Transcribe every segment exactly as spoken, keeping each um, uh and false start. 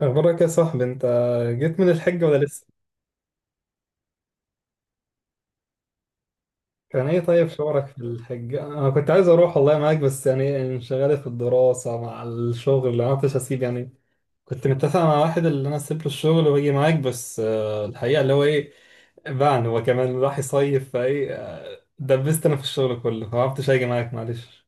أخبارك يا صاحبي أنت، جيت من الحج ولا لسه؟ كان إيه طيب شعورك في الحج؟ أنا كنت عايز أروح والله معاك، بس يعني انشغلت في الدراسة مع الشغل، ما عرفتش أسيب يعني. كنت متفق مع واحد اللي أنا أسيب له الشغل وأجي معاك، بس آه، الحقيقة اللي هو إيه، باعني هو كمان راح يصيف فإيه. آه، دبست أنا في الشغل كله، ما عرفتش أجي معاك معلش.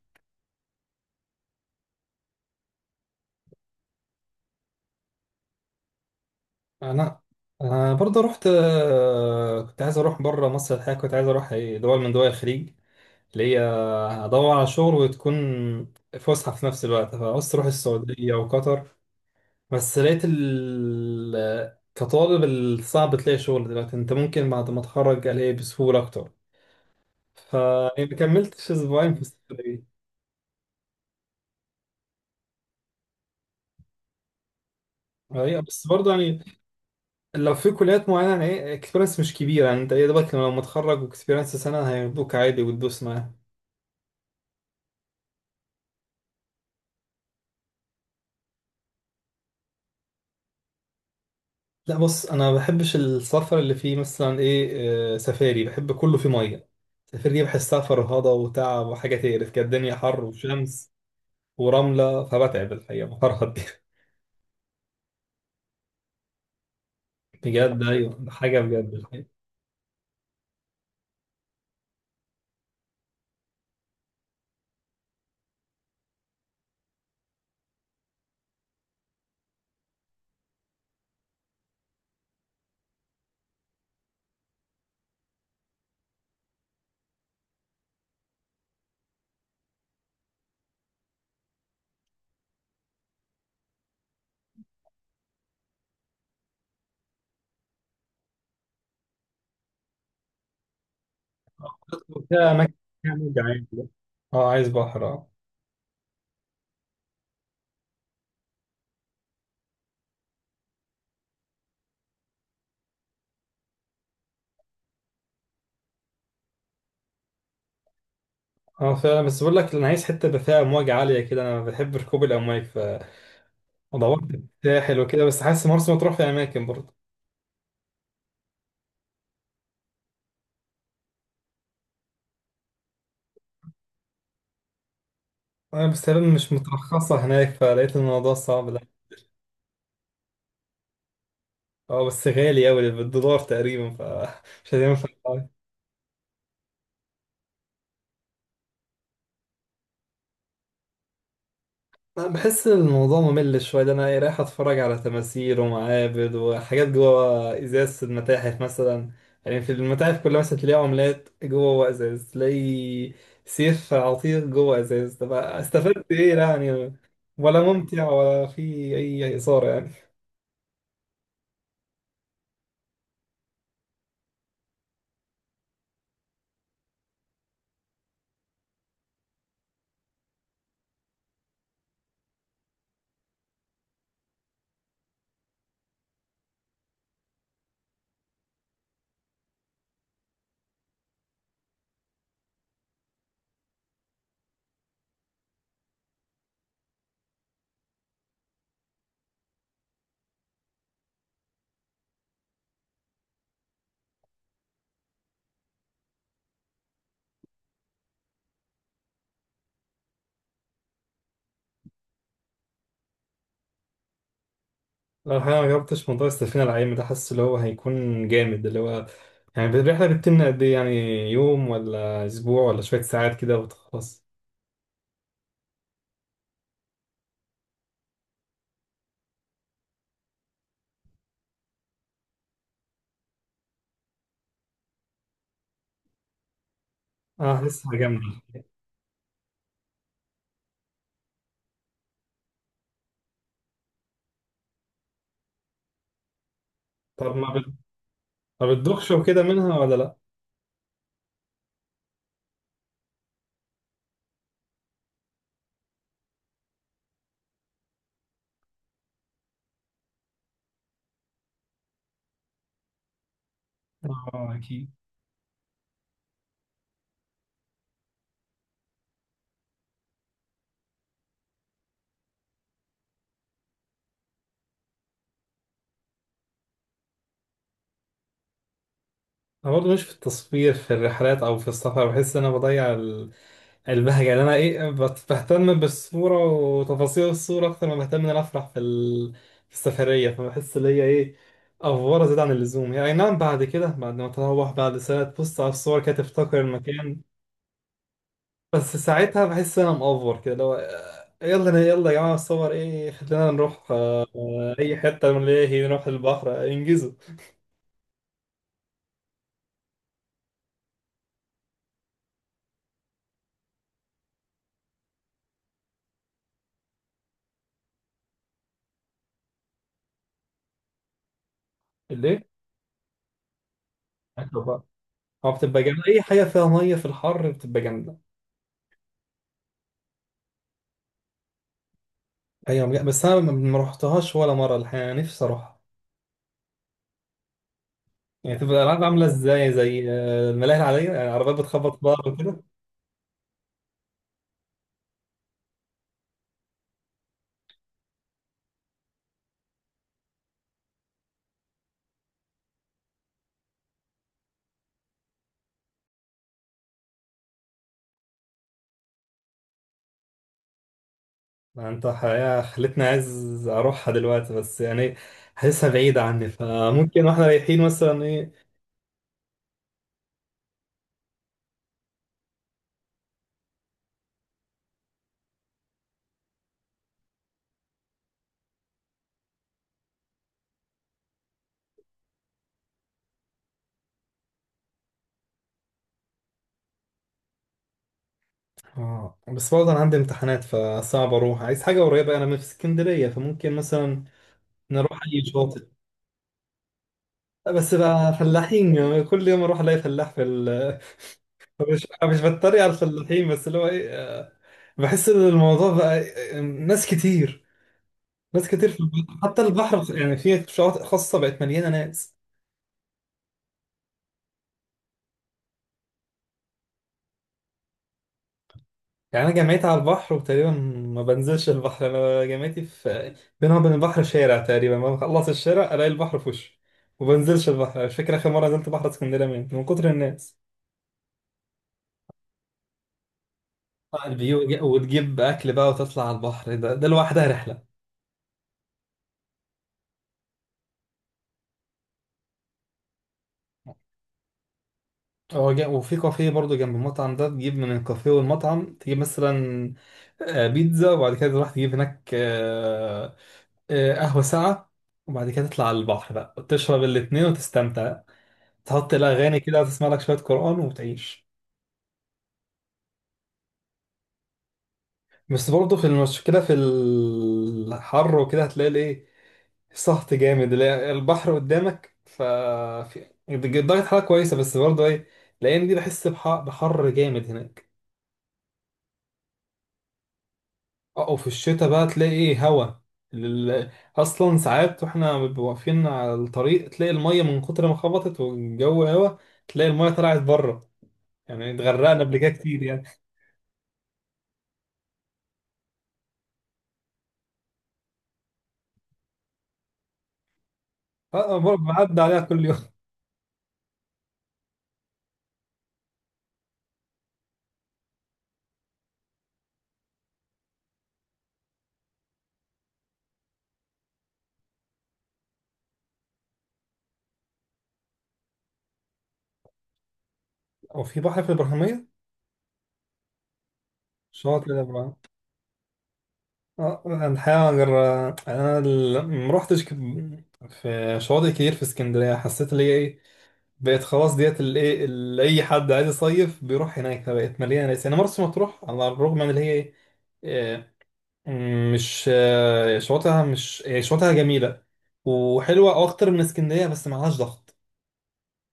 أنا أنا برضه رحت. آه، كنت عايز أروح بره مصر، الحقيقة كنت عايز أروح، إيه، دول من دول الخليج. ليا هدور على شغل وتكون فسحة في نفس الوقت، فعاوز تروح السعودية وقطر. بس لقيت ال... كطالب الصعب تلاقي شغل دلوقتي، انت ممكن بعد ما تتخرج الاقي بسهولة اكتر، فما كملتش اسبوعين في السعودية. ايوه بس برضه يعني لو في كليات معينة، يعني اكسبيرينس مش كبيرة، يعني انت يا دوبك لما تتخرج واكسبيرينس سنة هياخدوك عادي وتدوس معاهم. لا بص، انا ما بحبش السفر اللي فيه مثلا، ايه آه، سفاري. بحب كله فيه ميه. سفاري دي بحسها فرهضه وتعب وحاجه تقرف كده، الدنيا حر وشمس ورمله، فبتعب الحقيقه، بفرهد دي. بجد ايوه، ده حاجه بجد الحقيقه. فيها اماكن، فيها موج عالي ده. اه عايز بحر، اه. اه فعلا، بس بقول لك انا عايز حته بقى فيها امواج عاليه كده، انا بحب ركوب الامواج، فدورت في الساحل وكده، بس حاسس مرسى مطروح في اماكن برضه. آه، بس تقريبا مش مترخصه هناك، فلقيت الموضوع صعب. اه، بس غالي قوي بالدولار تقريبا، فمش هينفع أوي. أنا بحس إن الموضوع ممل شويه ده، انا إيه رايح اتفرج على تماثيل ومعابد وحاجات جوه ازاز المتاحف مثلا. يعني في المتاحف كلها مثلا تلاقي عملات جوه ازاز، تلاقي سيف عتيق جوه ازاز، طب استفدت ايه يعني؟ ولا ممتع ولا في اي اثاره يعني. لو الحقيقة ما جربتش موضوع السفينة العايمة ده، حاسس اللي هو هيكون جامد. اللي هو يعني الرحلة بتتم قد إيه يعني؟ يوم ولا أسبوع ولا شوية ساعات كده وتخلص؟ أه حاسسها جامدة. طب ما بت- ما بتدوخش وكده منها ولا لأ؟ أه أكيد. أنا برضه مش في التصوير في الرحلات أو في السفر، بحس إن أنا بضيع البهجة، اللي أنا إيه بت- بهتم بالصورة وتفاصيل الصورة أكتر ما بهتم إن أنا أفرح في, ال... في السفرية. فبحس إن هي إيه أفورة زيادة عن اللزوم. هي أي نعم، بعد كده بعد ما تروح بعد سنة تبص على الصور كده تفتكر المكان، بس ساعتها بحس إن أنا مأفور كده، اللي هو. آه، يلا يلا يا جماعة الصور، إيه خلينا نروح. آه، أي حتة من، إيه نروح البحر. آه، انجزوا. ليه؟ أكلوا بقى. هو بتبقى جامدة، أي حاجة فيها مية في الحر بتبقى جامدة. أيوة، بس أنا ما ما رحتهاش ولا مرة الحقيقة، نفسي أروح. يعني تبقى الألعاب عاملة ازاي؟ زي آه، الملاهي العادية؟ يعني عربيات بتخبط في بعض وكده؟ ما انت حقيقة خلتني عايز أروحها دلوقتي، بس يعني حاسسها بعيدة عني، فممكن واحنا رايحين مثلا ايه اه بس برضه أنا عندي امتحانات، فصعب أروح، عايز حاجة قريبة، أنا من في اسكندرية، فممكن مثلا نروح أي شاطئ. بس بقى فلاحين، يعني كل يوم أروح ألاقي فلاح في ال. مش مش بتريق على الفلاحين، بس اللي هو ايه آه، بحس إن الموضوع بقى. آه، ناس كتير، ناس كتير في البحر، حتى البحر يعني في شواطئ خاصة بقت مليانة ناس. يعني أنا جامعتي على البحر وتقريبا ما بنزلش البحر، أنا جامعتي في بينها وبين البحر شارع تقريبا، لما بخلص الشارع ألاقي البحر في وشي. ما بنزلش البحر، أنا مش فاكر آخر مرة نزلت بحر اسكندرية من من كتر الناس. آه، الفيو وتجيب أكل بقى وتطلع على البحر، ده ده لوحدها رحلة. هو جا- وفي كافيه برضو جنب المطعم ده، تجيب من الكافيه والمطعم، تجيب مثلا آه، بيتزا، وبعد كده تروح تجيب هناك، آه، آه، قهوة ساعة، وبعد كده تطلع على البحر بقى وتشرب الاتنين وتستمتع. تحط الأغاني كده، تسمع لك شوية قرآن وتعيش. بس برضه في المشكلة في الحر وكده، هتلاقي الايه سهط جامد اللي هي البحر قدامك، ف في- درجة حرارة كويسة، بس برضه ايه الأيام دي بحس بح- بحر جامد هناك. اه، وفي الشتاء بقى تلاقي ايه هوا. لل- أصلا ساعات واحنا بنبقى واقفين على الطريق، تلاقي المية من كتر ما خبطت، والجو هوا، تلاقي المية طلعت بره. يعني اتغرقنا قبل كده كتير يعني. اه برضه بعدي عليها كل يوم. هو في بحر في الابراهيميه؟ شاطئ الابراهيميه. اه انا الحقيقه جر... انا ال- ما رحتش ك- في شواطئ كتير في اسكندريه، حسيت اللي هي ايه، بقت خلاص ديت، اللي ايه اللي اي حد عايز يصيف بيروح هناك، فبقت مليانه ناس. يعني مرسى مطروح، على الرغم من اللي هي ايه، آه، مش آه، شواطئها، مش آه، شواطئها جميله وحلوه اكتر من اسكندريه، بس معلهاش ضغط،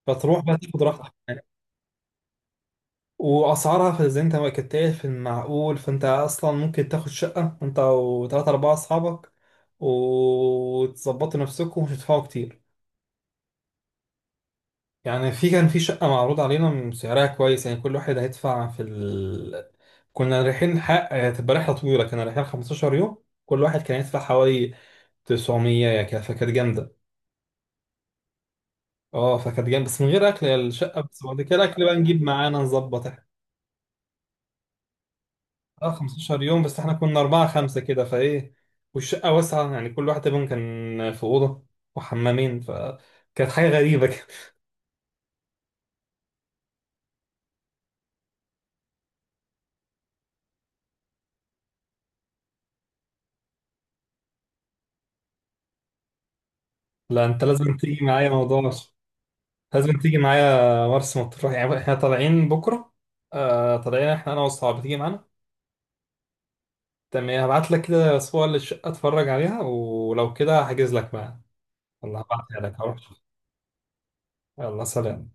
فتروح بقى تاخد راحتك. واسعارها في زي انت ما كنت قايل في المعقول، فانت اصلا ممكن تاخد شقه انت وثلاثة اربعة اصحابك، وتظبطوا نفسكم ومش هتدفعوا كتير. يعني في كان في شقه معروض علينا سعرها كويس، يعني كل واحد هيدفع في ال... كنا رايحين حق هتبقى رحله طويله، كنا رايحين 15 يوم، كل واحد كان يدفع حوالي تسعمية يعني كده، فكانت جامده. اه فكانت جامده، بس من غير اكل، يا الشقه بس، بعد كده الاكل بقى نجيب معانا نظبط. اه 15 يوم، بس احنا كنا أربعة خمسة كده فإيه، والشقة واسعة يعني، كل واحد منهم كان في أوضة وحمامين، فكانت حاجة غريبة كده. لا أنت لازم تيجي معايا، موضوع مرسى. لازم تيجي معايا مرسى مطروح، يعني احنا طالعين بكرة. آه طالعين احنا أنا وأصحابي، تيجي معانا. تمام، يعني هبعت لك كده صور للشقة اتفرج عليها، ولو كده هحجز لك بقى. والله هبعتها لك، هروح. يلا سلام.